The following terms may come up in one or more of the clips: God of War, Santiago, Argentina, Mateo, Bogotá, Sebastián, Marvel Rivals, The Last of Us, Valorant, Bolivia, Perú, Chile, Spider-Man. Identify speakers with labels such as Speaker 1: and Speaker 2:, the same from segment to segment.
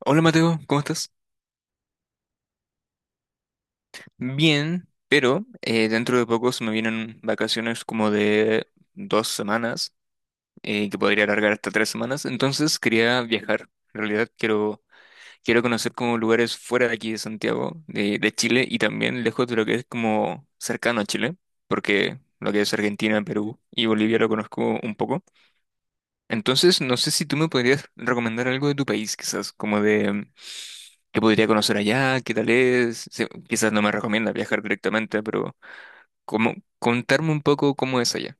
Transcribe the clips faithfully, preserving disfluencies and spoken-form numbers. Speaker 1: Hola Mateo, ¿cómo estás? Bien, pero eh, dentro de poco se me vienen vacaciones como de dos semanas, eh, que podría alargar hasta tres semanas, entonces quería viajar. En realidad quiero, quiero conocer como lugares fuera de aquí de Santiago, de, de Chile, y también lejos de lo que es como cercano a Chile, porque lo que es Argentina, Perú y Bolivia lo conozco un poco. Entonces, no sé si tú me podrías recomendar algo de tu país, quizás, como de mm, qué podría conocer allá, qué tal es. Se- quizás no me recomienda viajar directamente, pero como contarme un poco cómo es allá.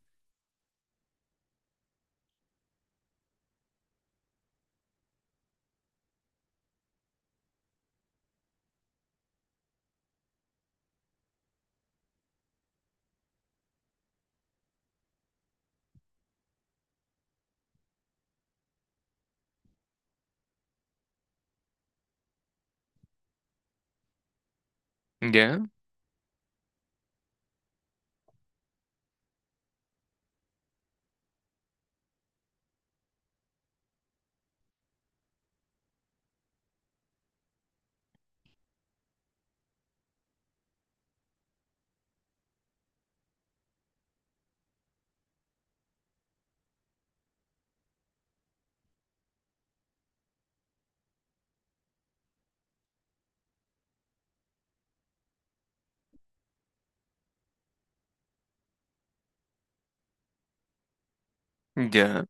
Speaker 1: Ya, ya,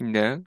Speaker 1: ya,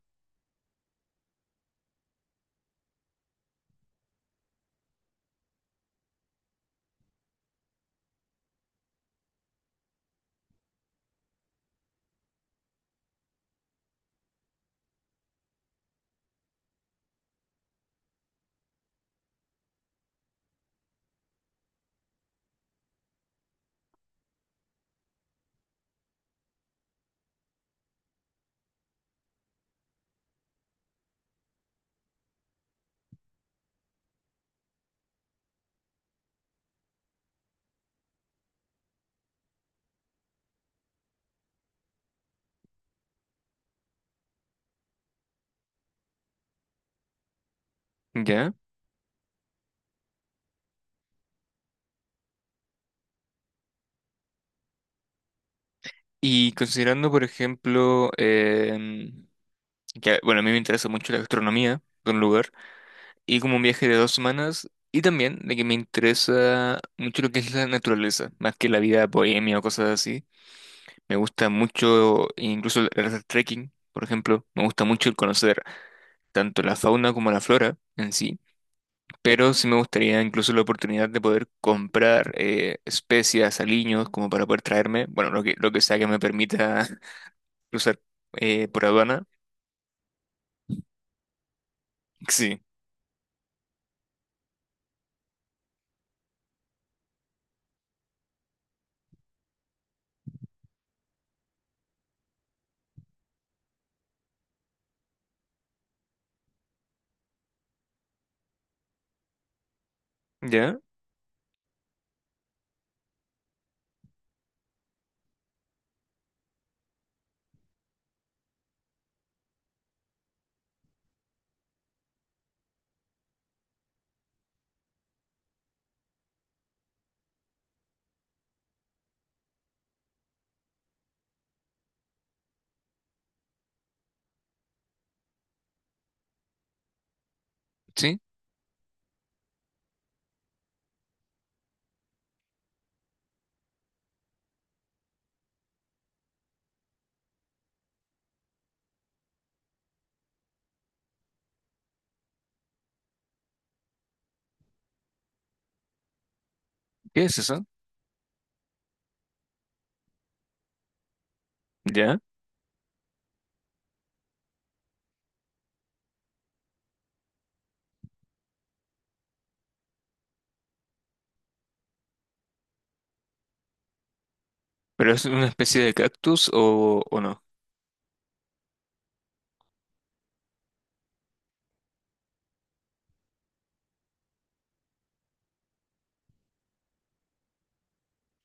Speaker 1: ya. Y considerando, por ejemplo, em, que, bueno, a mí me interesa mucho la gastronomía de un lugar, y como un viaje de dos semanas, y también de que me interesa mucho lo que es la naturaleza, más que la vida bohemia o cosas así. Me gusta mucho incluso el el hacer trekking, por ejemplo. Me gusta mucho el conocer tanto la fauna como la flora en sí. Pero sí me gustaría incluso la oportunidad de poder comprar eh, especias, aliños, como para poder traerme, bueno, lo que, lo que sea que me permita cruzar eh, por aduana. Sí. ¿Ya? ¿Sí? ¿Qué es eso? ¿Ya? ¿Pero es una especie de cactus o, o no?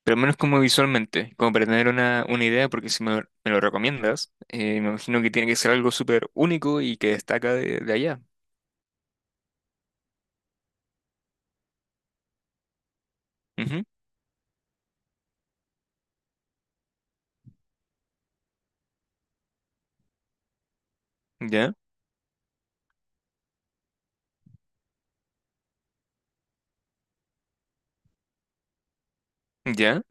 Speaker 1: Pero al menos como visualmente, como para tener una, una idea, porque si me, me lo recomiendas, eh, me imagino que tiene que ser algo súper único y que destaca de, de allá. Ujú. Ya, ya,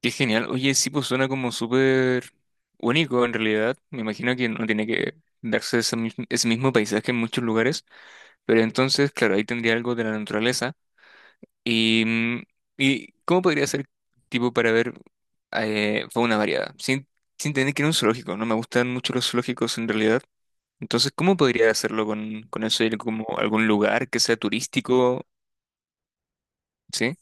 Speaker 1: qué genial. Oye, sí, pues suena como súper único en realidad. Me imagino que no tiene que darse ese, mis- ese mismo paisaje en muchos lugares, pero entonces, claro, ahí tendría algo de la naturaleza. ¿Y, mm, y cómo podría ser tipo para ver eh, fauna variada? Sin, sin tener que ir a un zoológico, no me gustan mucho los zoológicos en realidad. Entonces, ¿cómo podría hacerlo con, con eso? Ir como a algún lugar que sea turístico, ¿sí?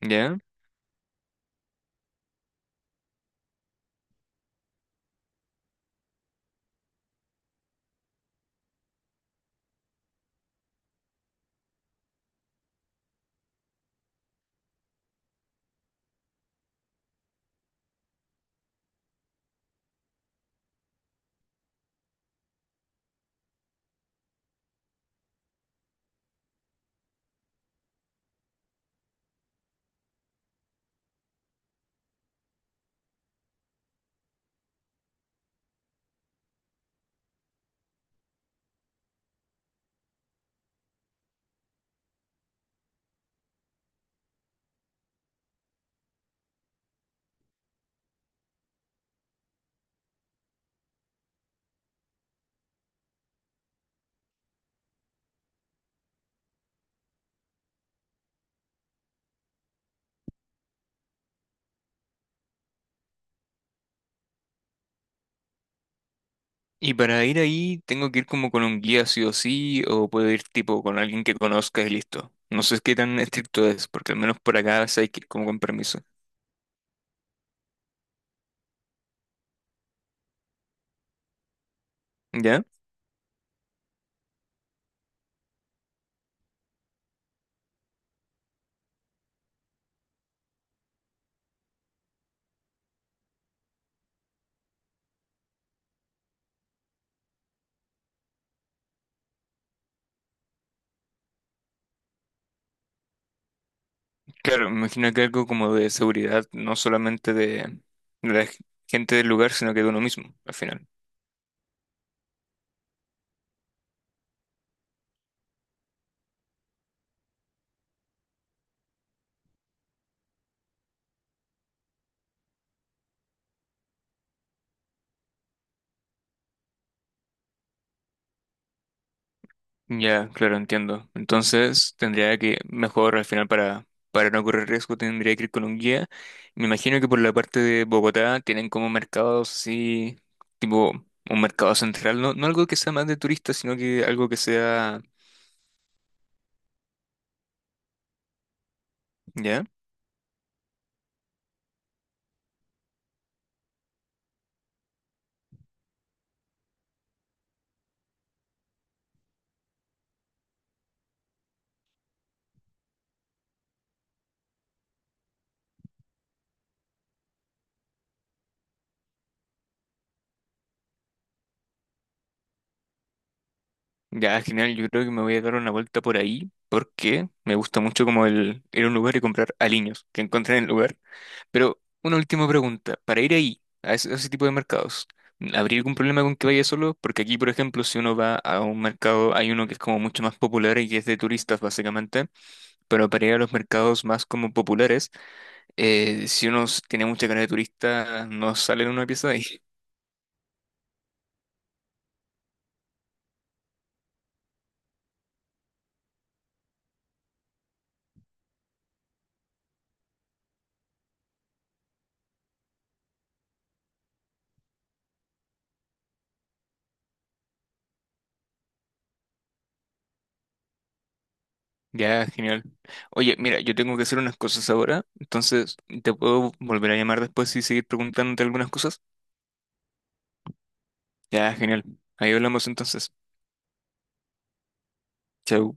Speaker 1: ¿Ya? Y para ir ahí, ¿tengo que ir como con un guía sí o sí? ¿O puedo ir tipo con alguien que conozca y listo? No sé qué tan estricto es, porque al menos por acá sí hay que ir como con permiso. ¿Ya? Claro, me imagino que algo como de seguridad, no solamente de, de la g- gente del lugar, sino que de uno mismo, al final. Ya, claro, entiendo. Entonces, tendría que, mejor al final para, para no correr riesgo, tendría que ir con un guía. Me imagino que por la parte de Bogotá tienen como mercados así, tipo un mercado central, no, no algo que sea más de turistas, sino que algo que sea, ya, ya, genial, yo creo que me voy a dar una vuelta por ahí, porque me gusta mucho como el ir a un lugar y comprar aliños que encontré en el lugar. Pero una última pregunta, para ir ahí, a ese, a ese tipo de mercados, ¿habría algún problema con que vaya solo? Porque aquí, por ejemplo, si uno va a un mercado, hay uno que es como mucho más popular y que es de turistas, básicamente, pero para ir a los mercados más como populares, eh, si uno s- tiene mucha cara de turista, no sale en una pieza de ahí. Ya, genial. Oye, mira, yo tengo que hacer unas cosas ahora, entonces, ¿te puedo volver a llamar después y seguir preguntándote algunas cosas? Ya, genial. Ahí hablamos entonces. Chau.